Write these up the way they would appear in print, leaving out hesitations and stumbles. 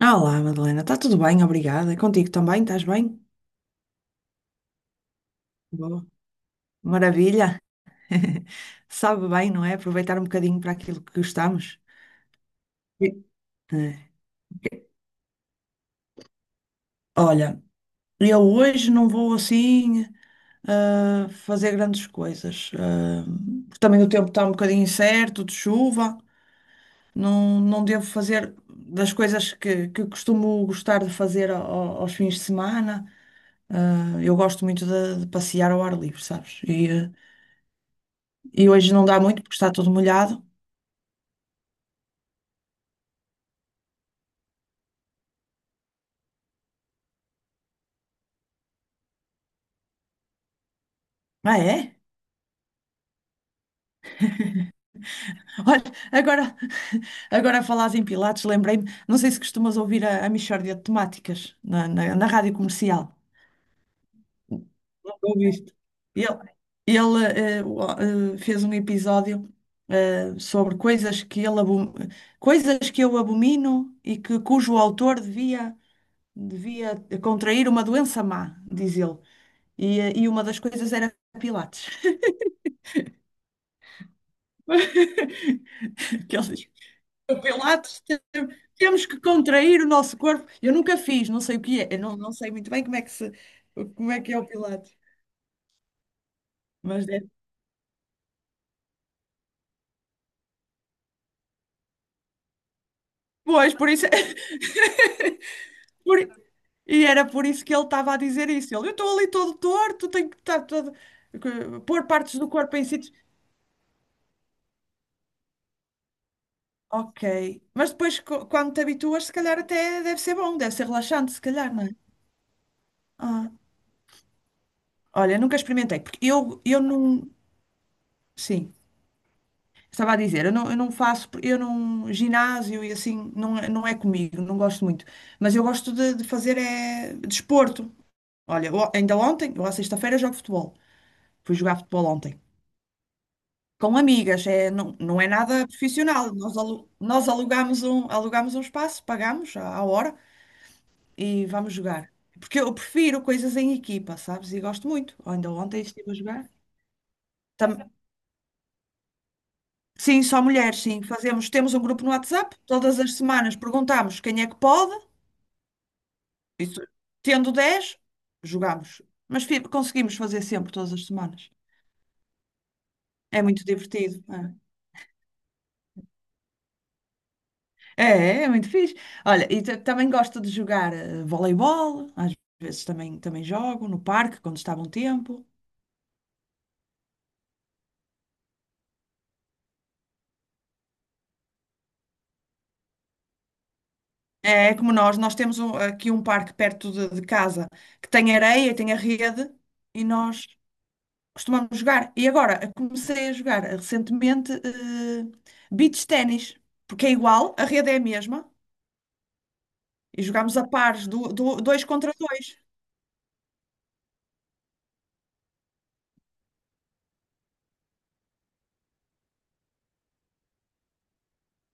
Olá, Madalena, está tudo bem? Obrigada. Contigo também, estás bem? Boa. Maravilha. Sabe bem, não é? Aproveitar um bocadinho para aquilo que gostamos. Sim. É. Olha, eu hoje não vou assim fazer grandes coisas. Porque também o tempo está um bocadinho incerto, de chuva. Não, não devo fazer das coisas que costumo gostar de fazer aos fins de semana. Eu gosto muito de passear ao ar livre, sabes? E hoje não dá muito porque está tudo molhado. Ah, é? Olha, agora, agora a falar em Pilates, lembrei-me, não sei se costumas ouvir a Mixórdia de Temáticas na rádio comercial. Não ouviste? Ele, ele fez um episódio sobre coisas que coisas que eu abomino e que cujo autor devia contrair uma doença má, diz ele. E uma das coisas era Pilates. Que ele diz, Pilates, temos que contrair o nosso corpo. Eu nunca fiz, não sei o que é, eu não, não sei muito bem como é que se, como é que é o Pilates, mas deve. Pois, por isso, por- e era por isso que ele estava a dizer isso. Ele, eu estou ali todo torto, tenho que estar todo, pôr partes do corpo em sítios. Ok, mas depois quando te habituas, se calhar até deve ser bom, deve ser relaxante, se calhar, não é? Ah, olha, nunca experimentei, porque eu não. Sim. Estava a dizer, eu não, ginásio e assim, não, é, não é comigo, não gosto muito. Mas eu gosto de fazer é desporto. Olha, ainda ontem, eu à sexta-feira jogo futebol. Fui jogar futebol ontem. Com amigas, é, não, não é nada profissional. Nós alugamos alugamos um espaço, pagamos à hora e vamos jogar. Porque eu prefiro coisas em equipa, sabes? E gosto muito. Ainda ontem estive a jogar. Tam- Sim, só mulheres, sim. Fazemos, temos um grupo no WhatsApp, todas as semanas perguntamos quem é que pode. Isso, tendo 10 jogamos. Mas conseguimos fazer sempre, todas as semanas. É muito divertido. É muito fixe. Olha, e também gosto de jogar voleibol. Às vezes também jogo no parque, quando está bom tempo. É como nós temos aqui um parque perto de casa que tem areia, e tem a rede e nós costumamos jogar. E agora comecei a jogar recentemente, beach ténis, porque é igual, a rede é a mesma. E jogámos a pares, dois contra dois.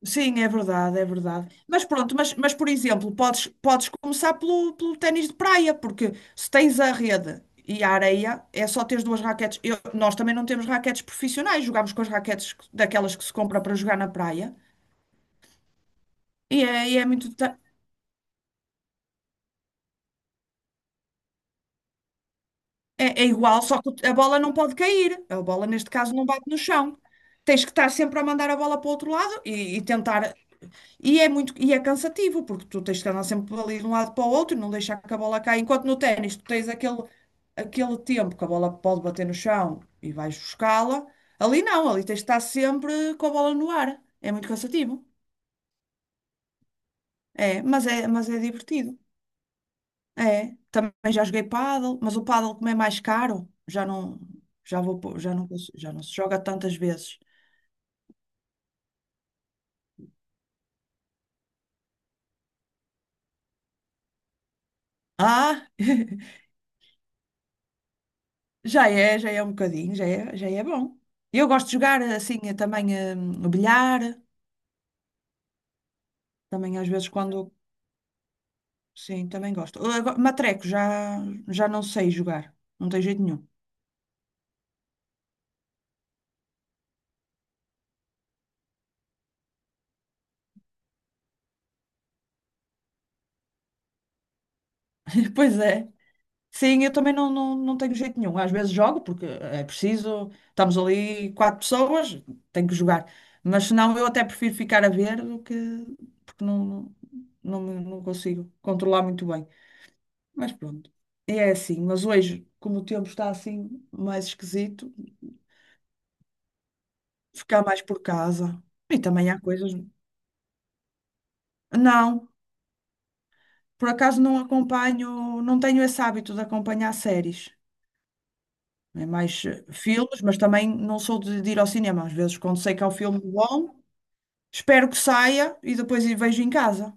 Sim, é verdade, é verdade. Mas pronto, mas por exemplo, podes começar pelo ténis de praia, porque se tens a rede e a areia, é só teres duas raquetes. Nós também não temos raquetes profissionais, jogamos com as raquetes daquelas que se compra para jogar na praia. E é muito. É, é igual, só que a bola não pode cair. A bola, neste caso, não bate no chão. Tens que estar sempre a mandar a bola para o outro lado e tentar. E é cansativo, porque tu tens que andar sempre ali de um lado para o outro, não deixar que a bola caia. Enquanto no ténis tu tens aquele, aquele tempo que a bola pode bater no chão e vais buscá-la, ali não, ali tens de estar sempre com a bola no ar. É muito cansativo. Mas é divertido. É, também já joguei pádel, mas o pádel como é mais caro, já não, já vou, pô- já não, cons- já não se joga tantas vezes. Ah! Já é, já é bom. Eu gosto de jogar assim o bilhar, também às vezes quando. Sim, também gosto. Matreco, já, já não sei jogar, não tenho jeito nenhum. Pois é. Sim, eu também não, não tenho jeito nenhum. Às vezes jogo porque é preciso, estamos ali quatro pessoas, tenho que jogar. Mas senão eu até prefiro ficar a ver do que. Porque não, não, não, me- Não consigo controlar muito bem. Mas pronto, e é assim. Mas hoje, como o tempo está assim mais esquisito, ficar mais por casa. E também há coisas. Não, por acaso não acompanho, não tenho esse hábito de acompanhar séries. É mais filmes, mas também não sou de ir ao cinema. Às vezes, quando sei que há um filme bom, espero que saia e depois vejo em casa.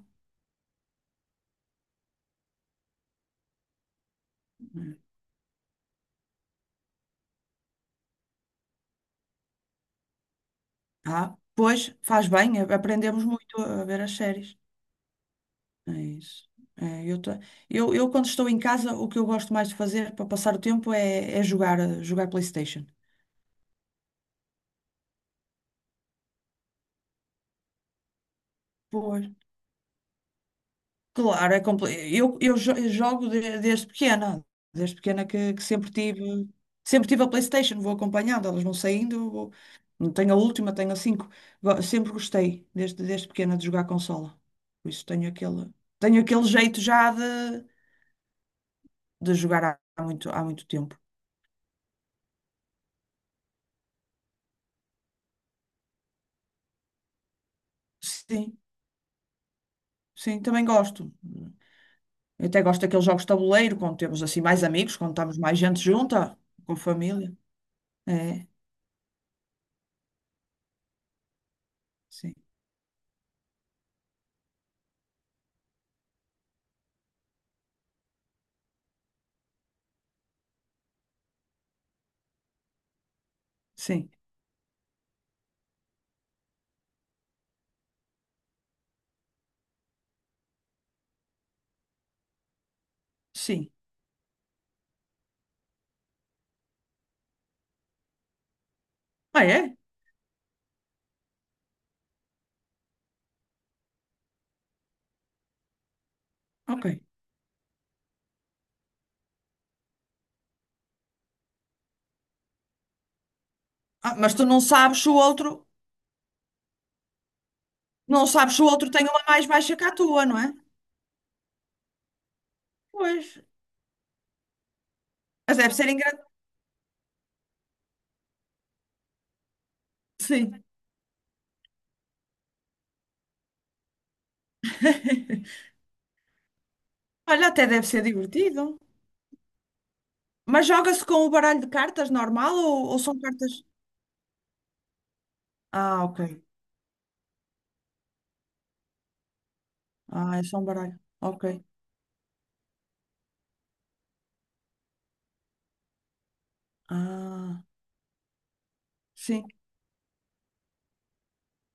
Ah, pois faz bem, aprendemos muito a ver as séries. É isso. É, eu, tô- eu, Quando estou em casa, o que eu gosto mais de fazer para passar o tempo é jogar, jogar PlayStation. Pois. Claro, é compl... eu jogo desde pequena, que sempre tive a PlayStation, vou acompanhando, elas vão saindo, não tenho a última, tenho a cinco. Sempre gostei, desde pequena, de jogar consola. Por isso tenho aquele jeito já de jogar há muito tempo. Sim, sim, também gosto. Eu até gosto daqueles jogos de tabuleiro, quando temos assim mais amigos, quando estamos mais gente junta, com família. É, sim, sim, sim. Ah, é? Ok. Ah, mas tu não sabes se o outro, não sabes se o outro tem uma mais baixa que a tua, não é? Pois. Mas deve ser engraçado. Sim. Olha, até deve ser divertido. Mas joga-se com o baralho de cartas normal ou são cartas? Ah, ok. Ah, é só um baralho. Ok. Ah, sim.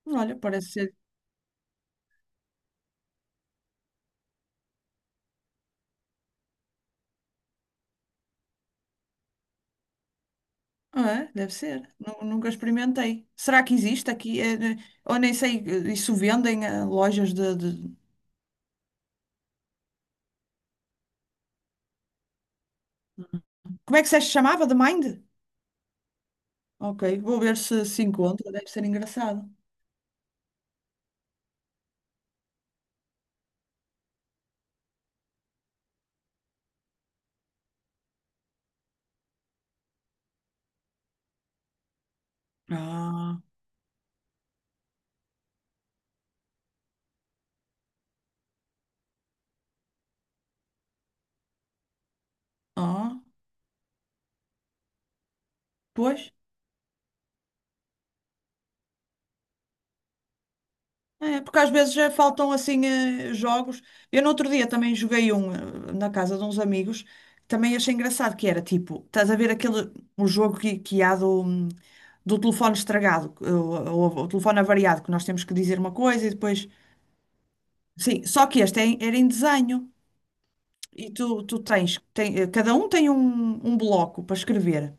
Olha, parece ser. Ah, é? Deve ser. Nunca experimentei. Será que existe aqui? Ou nem sei, isso vendem a lojas de... Como é que se chamava? The Mind? Ok, vou ver se se encontra. Deve ser engraçado. Ah, ah, pois. É, porque às vezes já faltam assim jogos. Eu no outro dia também joguei um na casa de uns amigos, também achei engraçado que era tipo, estás a ver aquele o jogo que há do, do telefone estragado, o telefone avariado, que nós temos que dizer uma coisa e depois. Sim, só que este era em desenho e tu, tu tens, tem, eh, cada um tem um bloco para escrever.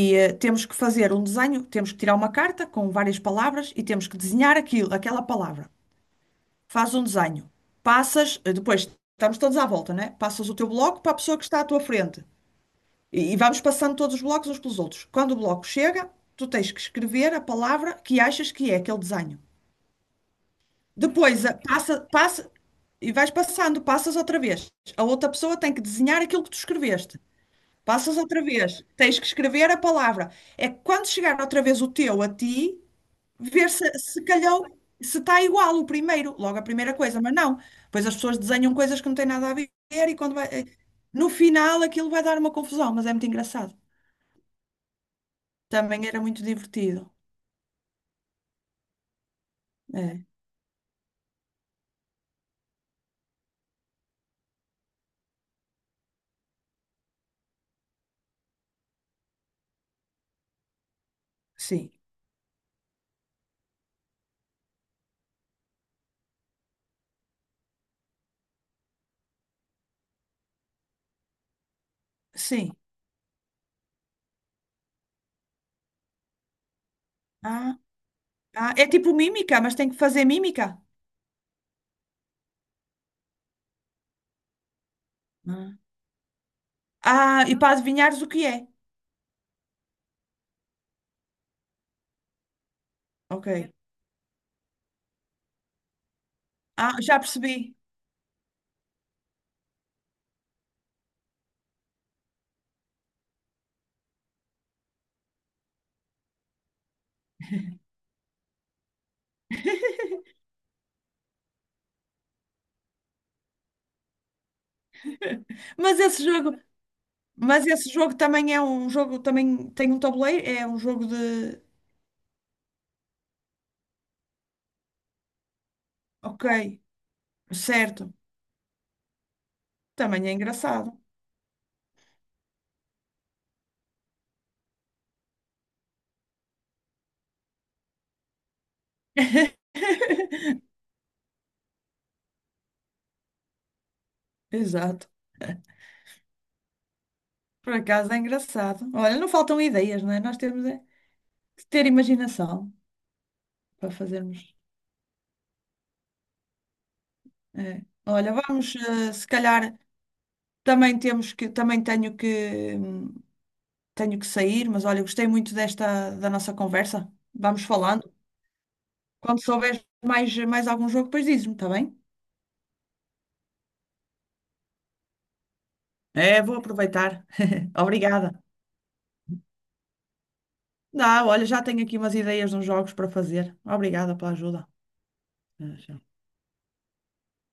E temos que fazer um desenho, temos que tirar uma carta com várias palavras e temos que desenhar aquela palavra. Faz um desenho, passas, depois estamos todos à volta, né? Passas o teu bloco para a pessoa que está à tua frente e vamos passando todos os blocos uns pelos outros. Quando o bloco chega, tu tens que escrever a palavra que achas que é aquele desenho. Passa, passa e vais passando, passas outra vez. A outra pessoa tem que desenhar aquilo que tu escreveste. Passas outra vez, tens que escrever a palavra. É que quando chegar outra vez o teu a ti, ver se calhou, se está igual o primeiro, logo a primeira coisa, mas não. Pois as pessoas desenham coisas que não têm nada a ver e quando vai, no final aquilo vai dar uma confusão, mas é muito engraçado. Também era muito divertido. É, sim, sim. Ah, ah, é tipo mímica, mas tem que fazer mímica. Ah, ah, e para adivinhares o que é. Ok. Ah, já percebi. Mas esse jogo, mas esse jogo também é um jogo, também tem um tabuleiro, é um jogo de. Ok, certo. Também é engraçado. Exato. Por acaso é engraçado. Olha, não faltam ideias, não é? Nós temos é que ter imaginação para fazermos. É. Olha, se calhar também tenho que sair, mas olha, gostei muito desta da nossa conversa. Vamos falando. Quando souberes mais, mais algum jogo, depois dizes-me, está bem? É, vou aproveitar. Obrigada. Dá, olha, já tenho aqui umas ideias de uns jogos para fazer. Obrigada pela ajuda. Já.